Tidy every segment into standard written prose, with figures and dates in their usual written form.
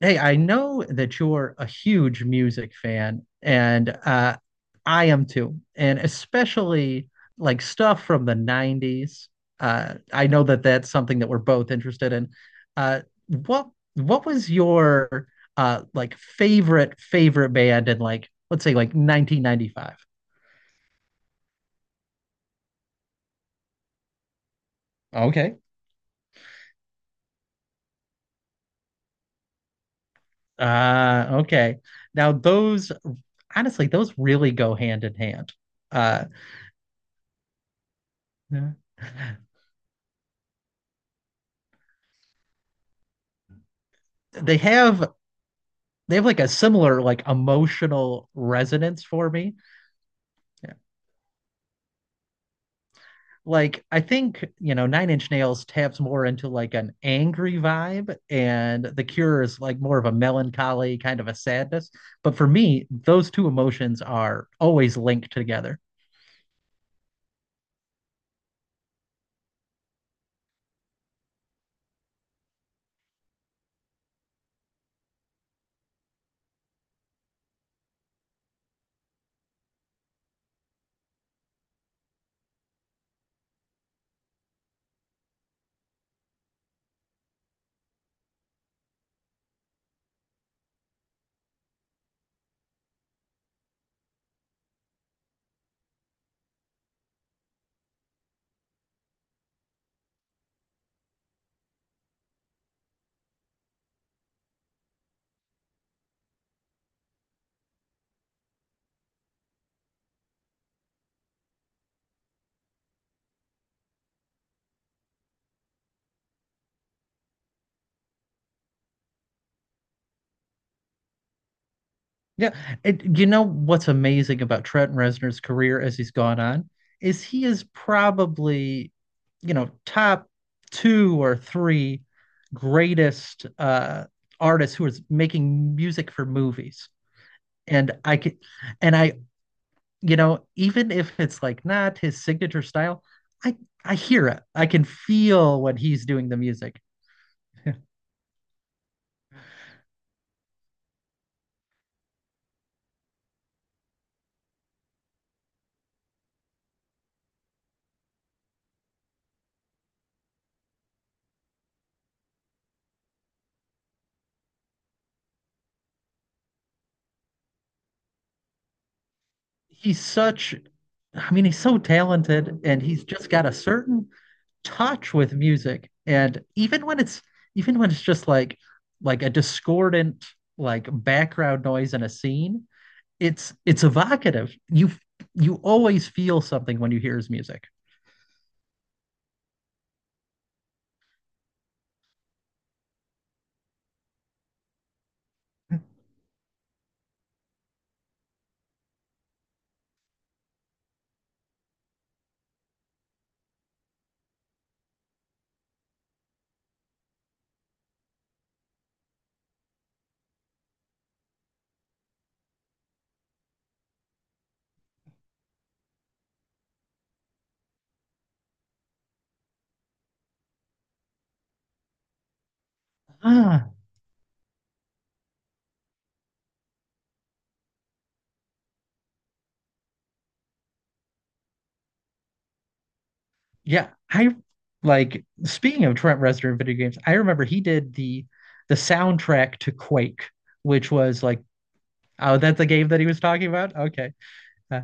Hey, I know that you're a huge music fan, and I am too, and especially like stuff from the 90s. I know that that's something that we're both interested in. Uh, what was your like favorite band in like let's say like 1995? Okay. Okay. Now those, honestly, those really go hand in hand. Uh, Yeah, they have they have like a similar like emotional resonance for me. Yeah. Like I think, Nine Inch Nails taps more into like an angry vibe and The Cure is like more of a melancholy kind of a sadness, but for me, those two emotions are always linked together. Yeah, and you know what's amazing about Trent Reznor's career as he's gone on is he is probably, top two or three greatest artists who is making music for movies. And I can, and I, even if it's like not his signature style, I I hear it. I can feel when he's doing the music. He's such, I mean, he's so talented, and he's just got a certain touch with music, and even when it's just like a discordant like background noise in a scene, it's evocative. You always feel something when you hear his music. Ah, yeah, I like, speaking of Trent Reznor in video games, I remember he did the soundtrack to Quake, which was like, oh, that's the game that he was talking about. Okay. Uh,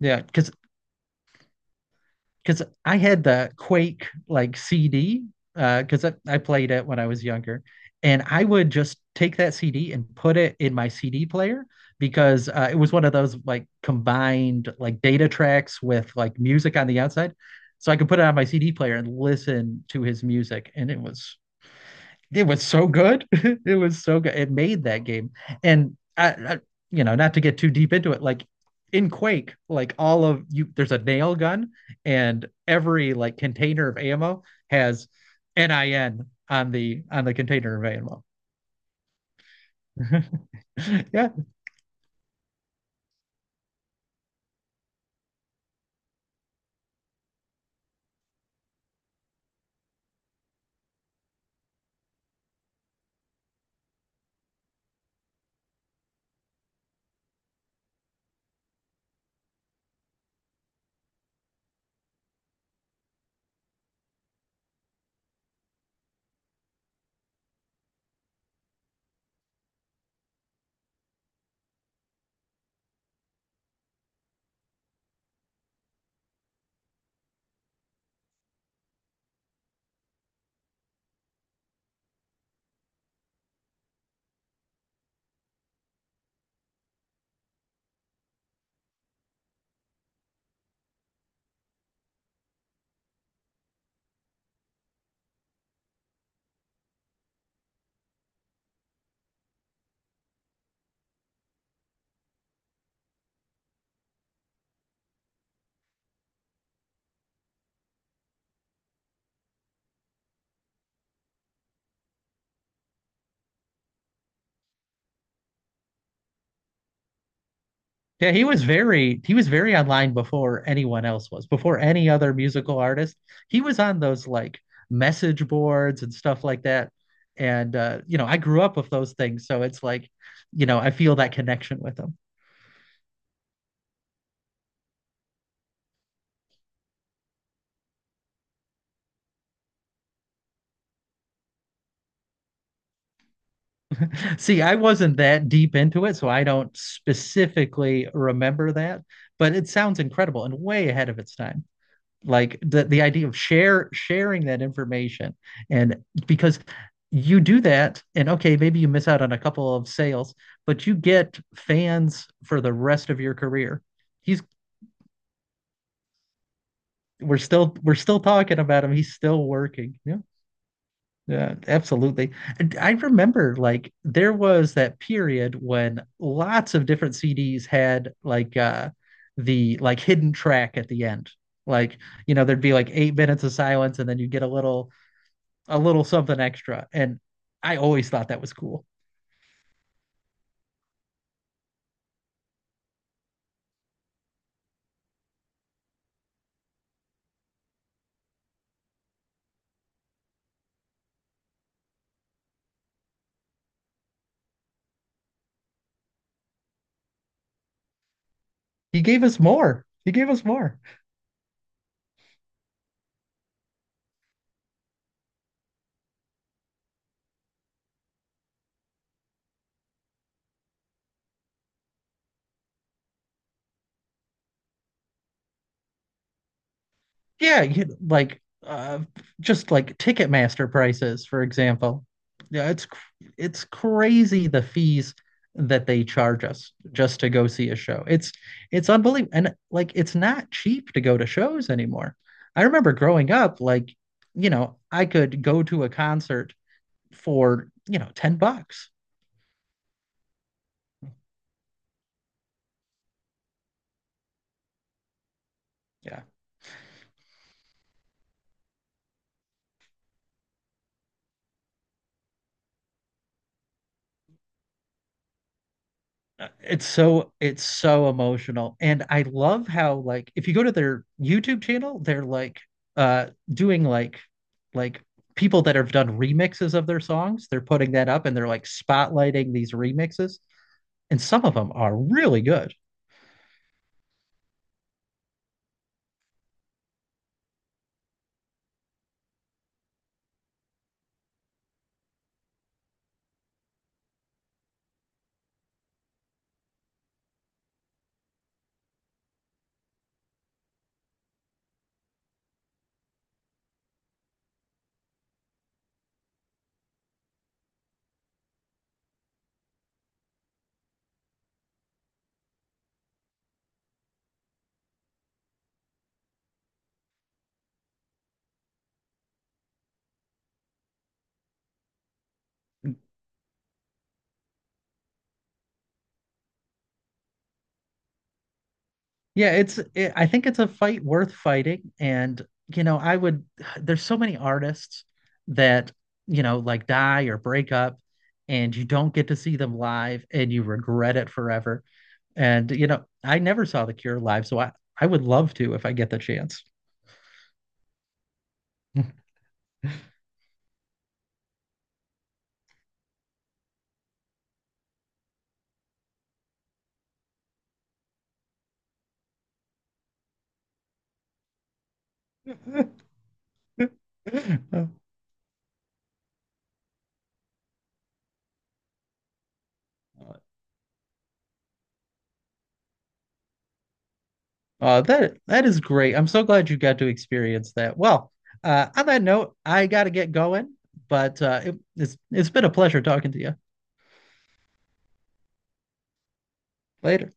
yeah, because I had the Quake like CD because I played it when I was younger, and I would just take that CD and put it in my CD player because it was one of those like combined like data tracks with like music on the outside, so I could put it on my CD player and listen to his music, and it was so good. It was so good. It made that game. And I, I, not to get too deep into it, like in Quake, like all of you, there's a nail gun, and every like container of ammo has NIN on the container of ammo. Yeah. Yeah, he was very online before anyone else was, before any other musical artist. He was on those like message boards and stuff like that. And I grew up with those things, so it's like, I feel that connection with him. See, I wasn't that deep into it, so I don't specifically remember that, but it sounds incredible and way ahead of its time. Like the idea of share sharing that information, and because you do that and okay, maybe you miss out on a couple of sales, but you get fans for the rest of your career. He's We're still talking about him. He's still working. Yeah. Yeah, absolutely. And I remember like there was that period when lots of different CDs had like the like hidden track at the end. Like, there'd be like 8 minutes of silence and then you get a little something extra. And I always thought that was cool. He gave us more. He gave us more. Yeah, you- like uh, just like Ticketmaster prices, for example. Yeah, it's cr- it's crazy the fees that they charge us just to go see a show. It's unbelievable, and like it's not cheap to go to shows anymore. I remember growing up, like I could go to a concert for 10 bucks. Yeah, it's so emotional. And I love how like if you go to their YouTube channel, they're like doing like like people that have done remixes of their songs. They're putting that up and they're like spotlighting these remixes. And some of them are really good. Yeah, I think it's a fight worth fighting. And I would there's so many artists that like die or break up, and you don't get to see them live and you regret it forever. And I never saw The Cure live, so I would love to if I get the chance. That is great. I'm so glad you got to experience that. Well, on that note, I got to get going, but it's been a pleasure talking to you. Later.